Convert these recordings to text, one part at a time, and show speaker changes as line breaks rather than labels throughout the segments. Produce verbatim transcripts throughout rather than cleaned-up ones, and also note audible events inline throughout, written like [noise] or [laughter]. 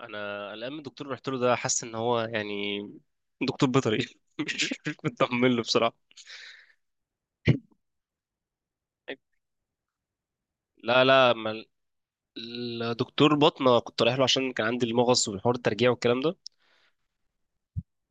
انا قلقان من الدكتور اللي رحت له ده، حاسس ان هو يعني دكتور بيطري [laughs] مش مش مطمن له بصراحه. لا لا ما الدكتور بطنه كنت رايح له عشان كان عندي المغص والحوار الترجيع والكلام ده.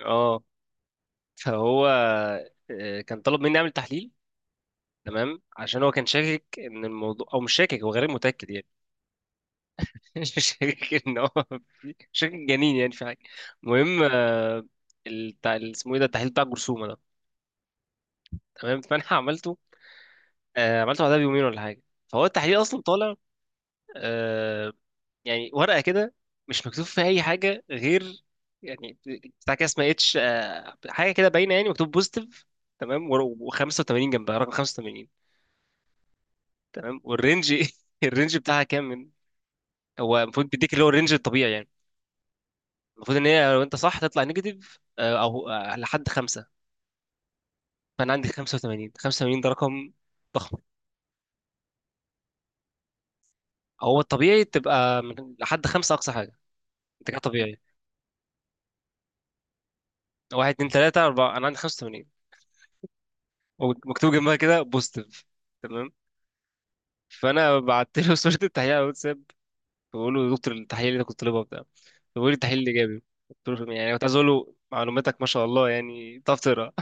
اه، فهو آه، كان طلب مني اعمل تحليل، تمام، عشان هو كان شاكك ان الموضوع، او مش شاكك، هو غير متاكد يعني. [laughs] شاكك ان هو في- شاكك جنين يعني، في حاجه. المهم آه، التع- اسمه ايه ده، التحليل بتاع الجرثومه ده. تمام، فانا [laughs] عملته. آه، عملته بعدها بيومين ولا حاجه. فهو التحليل اصلا طالع آه، يعني ورقه كده مش مكتوب فيها اي حاجه، غير يعني بتاع كده اسمها اتش، حاجه كده باينه، يعني مكتوب بوزيتيف، تمام، و85 جنبها، رقم خمسة وتمانين، تمام، والرينج [laughs] الرينج بتاعها كام، من هو المفروض بيديك اللي هو الرينج الطبيعي يعني. المفروض ان هي لو انت صح تطلع نيجاتيف آه، او آه، لحد خمسة. فانا عندي خمسة وتمانين. خمسة وتمانين ده رقم ضخم. هو الطبيعي تبقى من لحد خمسة اقصى حاجه، انت كده طبيعي، واحد اتنين تلاتة أربعة. أنا عندي خمسة وتمانين، مكتوب جنبها كده بوزيتيف. تمام، فأنا بعت له [laughs] صورة التحليل على الواتساب، بقول له يا دكتور التحليل اللي أنت كنت طالبها بتاع، بيقول لي التحليل الإيجابي. قلت له، يعني كنت عايز أقول له معلوماتك ما شاء الله يعني، بتعرف تقرا.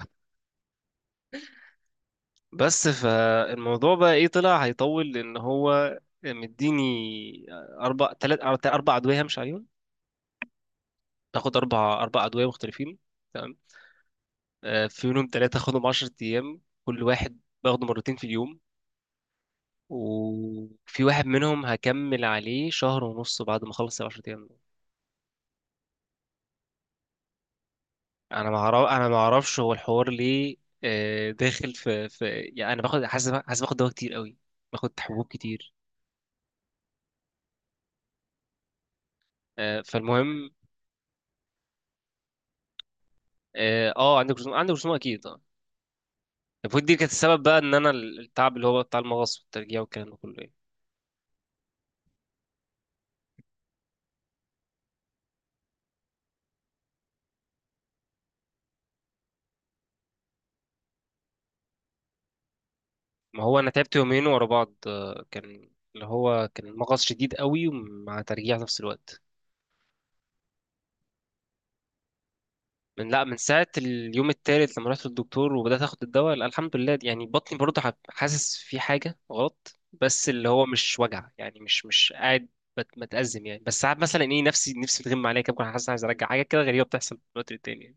[laughs] بس فالموضوع بقى إيه، طلع هيطول، لأن هو مديني أربع تلات أربع أدوية همشي عليهم، تاخد أربع أربع أدوية مختلفين، تمام. آه، في منهم تلاتة أخدهم عشرة أيام، كل واحد باخده مرتين في اليوم، وفي واحد منهم هكمل عليه شهر ونص بعد ما اخلص العشر ايام دول. انا ما اعرف، انا ما اعرفش هو الحوار ليه آه، داخل في في يعني. انا باخد، حاسس حاسس باخد دواء كتير قوي، باخد حبوب كتير. آه، فالمهم اه آه، عندك رسوم، عندك رسوم اكيد اه. المفروض دي كانت السبب بقى ان انا التعب اللي هو بتاع المغص والترجيع والكلام ده كله يعني. ما هو انا تعبت يومين ورا بعض، آه، كان اللي هو كان المغص شديد قوي مع ترجيع في نفس الوقت. من، لا، من ساعة اليوم التالت لما رحت للدكتور وبدأت اخد الدواء، لا الحمد لله يعني، بطني برضه ح- حاسس في حاجة غلط، بس اللي هو مش وجع يعني، مش مش قاعد بت- متأزم يعني، بس ساعات مثلا ايه، نفسي نفسي بتغم عليا كده، بكون حاسس عايز ارجع حاجة كده غريبة بتحصل في الوقت التاني يعني.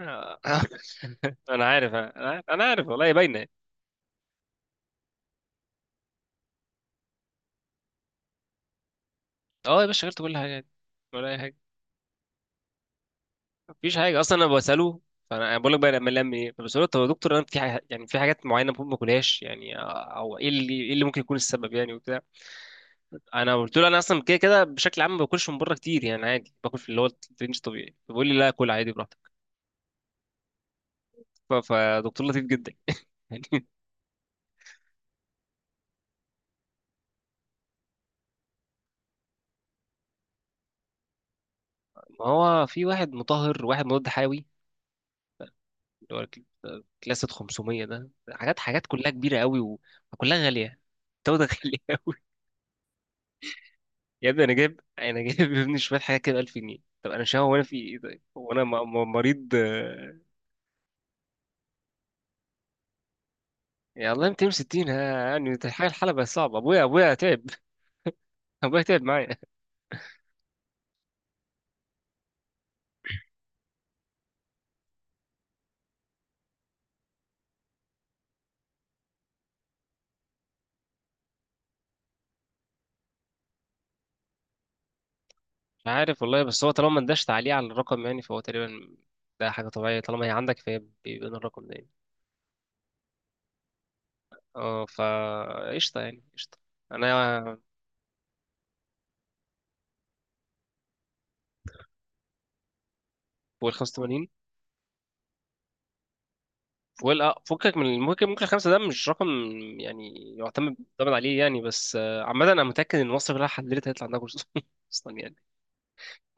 آه. [laughs] انا عارف، انا عارف، أنا عارف والله، هي باينة يعني. اه يا باشا غيرت كل حاجة يعني، ولا اي حاجة. مفيش حاجة اصلا. انا بسأله، فانا بقول لك بقى لما لم ايه، فبسأله طب يا دكتور انا في ح- يعني في حاجات معينة المفروض ما اكلهاش يعني، آه، او ايه اللي، ايه اللي ممكن يكون السبب يعني وبتاع. انا قلت له انا اصلا كده كده بشكل عام ما باكلش من بره كتير يعني، عادي باكل في اللي هو الرينج طبيعي، فبيقول لي لا كل عادي براحتك. ف- فدكتور لطيف جدا [laughs] يعني. ما هو في واحد مطهر وواحد مضاد حيوي، اللي هو ال- كلاسة خمسمية ده، حاجات حاجات كلها كبيره قوي وكلها غاليه. التوته غاليه [laughs] قوي. يا ابني انا جايب، انا جايب يا ابني شويه حاجات كده ألف جنيه. طب انا مش، هو انا في ايه طيب، هو انا م- م- مريض آه، يا الله. ميتين وستين ها، يعني حاجه الحلبه صعبه. ابويا، ابويا تعب [laughs] ابويا تعب معايا. عارف والله، بس هو طالما ما اداش تعليق على الرقم يعني، فهو تقريبا ده حاجة طبيعية، طالما هي عندك فهي بيبان الرقم ده يعني. اه، فا قشطة يعني قشطة. أنا فوق ال خمسة وتمانين، فوق ال- اه، فكك من، ممكن ممكن الخمسة ده مش رقم يعني، يعتمد يعتمد عليه يعني. بس آه، عامة أنا متأكد إن مصر كلها حللت هيطلع عندها كورس [laughs] أصلا يعني.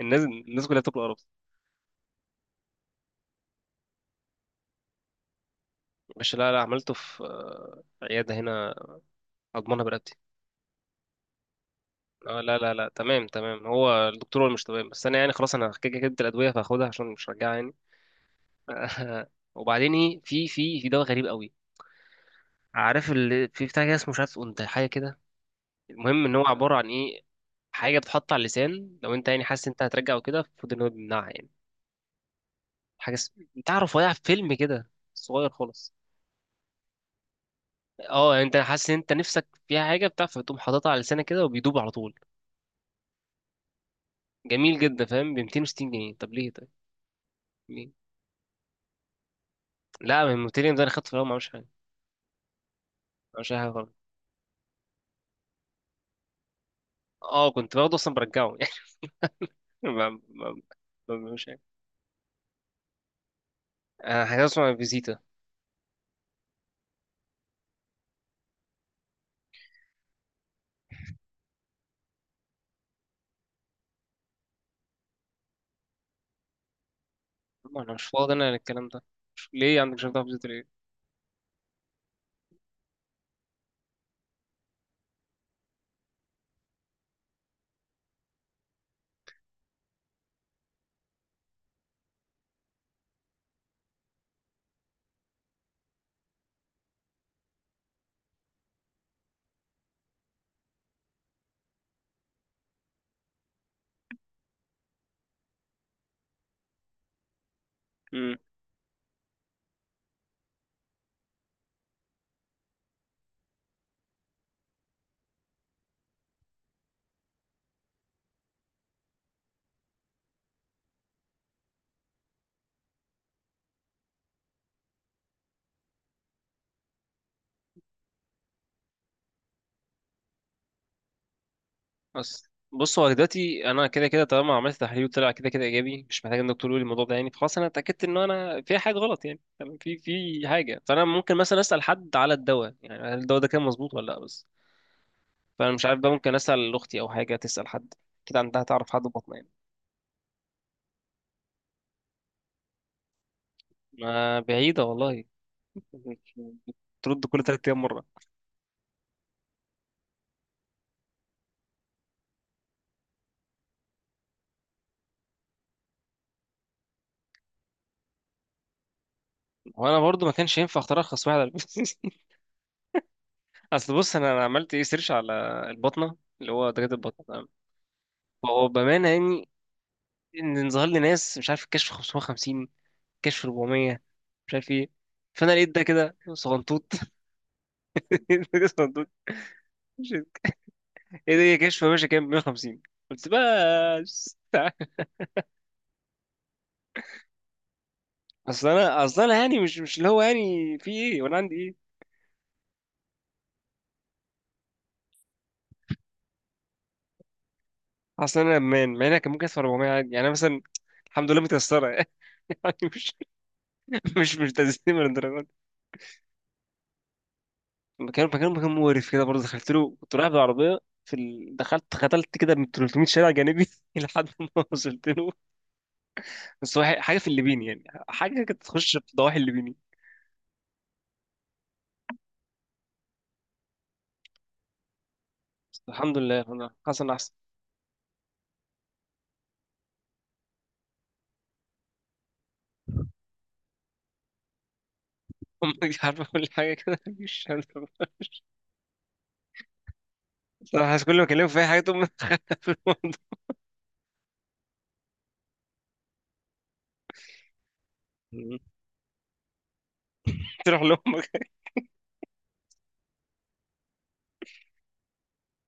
الناس، الناس كلها بتاكل قرف. مش، لا لا، عملته في آه، عيادة هنا أضمنها برقبتي. اه لا لا لا تمام، تمام، هو الدكتور هو اللي مش تمام، بس انا يعني خلاص انا كده كده جبت الادويه فهاخدها عشان مش هرجعها يعني. [laughs] وبعدين ايه، في، في في دواء غريب قوي، عارف اللي في بتاع كده، اسمه مش عارف انت، حاجه كده. المهم ان هو عباره عن ايه، حاجه بتتحط على اللسان لو انت يعني حاسس إن انت هترجع وكده، المفروض ان هو بيمنعها يعني. حاجه اس- تعرف وقع في فيلم كده صغير خالص. اه يعني انت حاسس ان انت نفسك فيها حاجه بتاع، فتقوم حاططها على لسانك كده وبيدوب على طول. جميل جدا، فاهم، ب ميتين وستين جنيه. طب ليه طيب، ليه؟ لا من ميتين ده، انا خدته في الاول ما عملش حاجه، ما عملش أي حاجه غلط. اه، كنت باخده اصلا برجعه [laughs] يعني، ما ما ما- ما بعملش حاجه. آه، حاجه اسمها فيزيتا. ما انا مش فاضي انا للكلام ده. مش، ليه عندك شغف في زيت ليه. امم، بس بص، هو دلوقتي انا كده كده طالما عملت تحليل طلع كده كده ايجابي، مش محتاج ان الدكتور يقول لي الموضوع ده يعني، فخلاص انا اتاكدت ان انا في حاجه غلط يعني، تمام، في، في حاجه. فانا ممكن مثلا اسال حد على الدواء يعني، هل الدواء ده كان مظبوط ولا لا، بس. فانا مش عارف بقى، ممكن اسال اختي او حاجه، تسال حد كده عندها، تعرف حد بطنه يعني. ما بعيده والله. [laughs] ترد كل تلات ايام مره. وانا برضو ما كانش ينفع اختار ارخص واحد. [laughs] اصل بص، انا أنا عملت ايه، سيرش على البطنه، اللي هو دكاتره البطنه تمام. فهو بامانه يعني، ان ظهر لي ناس، مش عارف، الكشف خمسمائة وخمسين، كشف أربعمية، مش عارف ايه. فانا لقيت ده كده صغنطوط. [laughs] ده صغنطوط مش، ايه ده، هي كشف ماشي كام، مية وخمسين، قلت بس. [laughs] اصل انا اصل انا يعني، مش مش اللي هو يعني في ايه وانا عندي ايه. اصل انا امان، مع انها كان ممكن ادفع أربعمية عادي يعني، أنا مثلا الحمد لله متيسره [laughs] يعني. مش مش مش تزيين من الدرجات. مكان مكان مكان مقرف كده برضه، دخلت له كنت رايح بالعربية، في ال... دخلت ختلت كده من ثلاثمائة شارع جانبي [laughs] لحد ما وصلت له. بس هو حاجة في الليبيني يعني، حاجة كانت تخش في ضواحي الليبيني. الحمد لله، الحمد لله، حسن أحسن. أمي [laughs] مش عارفة كل حاجة كده [laughs] مش عارفة. صراحة كل ما أكلمه في أي حاجة تقوم [laughs] في الموضوع. تروح لأمك.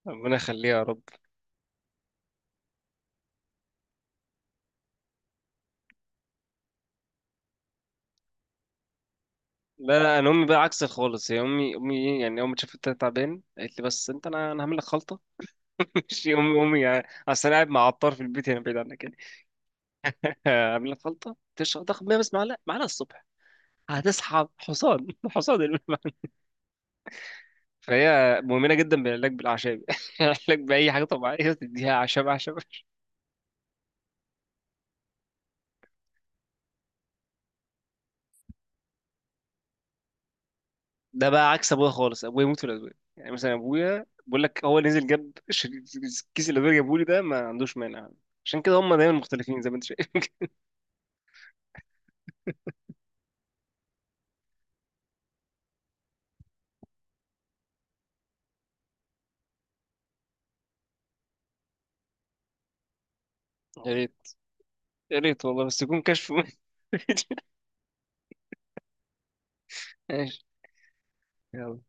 ربنا يخليها يا رب. لا لا، أنا أمي بقى عكس خالص، هي أمي، أمي إيه يعني، أول ما شافت أنت تعبان قالت لي بس أنت، أنا أنا هعمل لك خلطة. [laughs] مش أمي، أمي يعني، أصل أنا قاعد مع عطار في البيت هنا بعيد عنك يعني. آه، عاملين خلطه تشرب، تاخد مية بس، معلقه معلقه الصبح هتسحب حصان. [laughs] حصان المهم. فهي مؤمنه جدا بالعلاج بالاعشاب [laughs] علاج باي حاجه طبيعيه تديها، اعشاب اعشاب. ده بقى عكس ابويا خالص، ابويا يموت في الادويه، يعني مثلا ابويا بقول لك هو نزل جاب ش- كيس الادويه جابه لي، ده ما عندوش مانع. عشان كده هم دايما مختلفين زي ما انت شايف. [laughs] يا ريت، يا ريت والله، بس يكون كشف. [laughs] ماشي، يلا.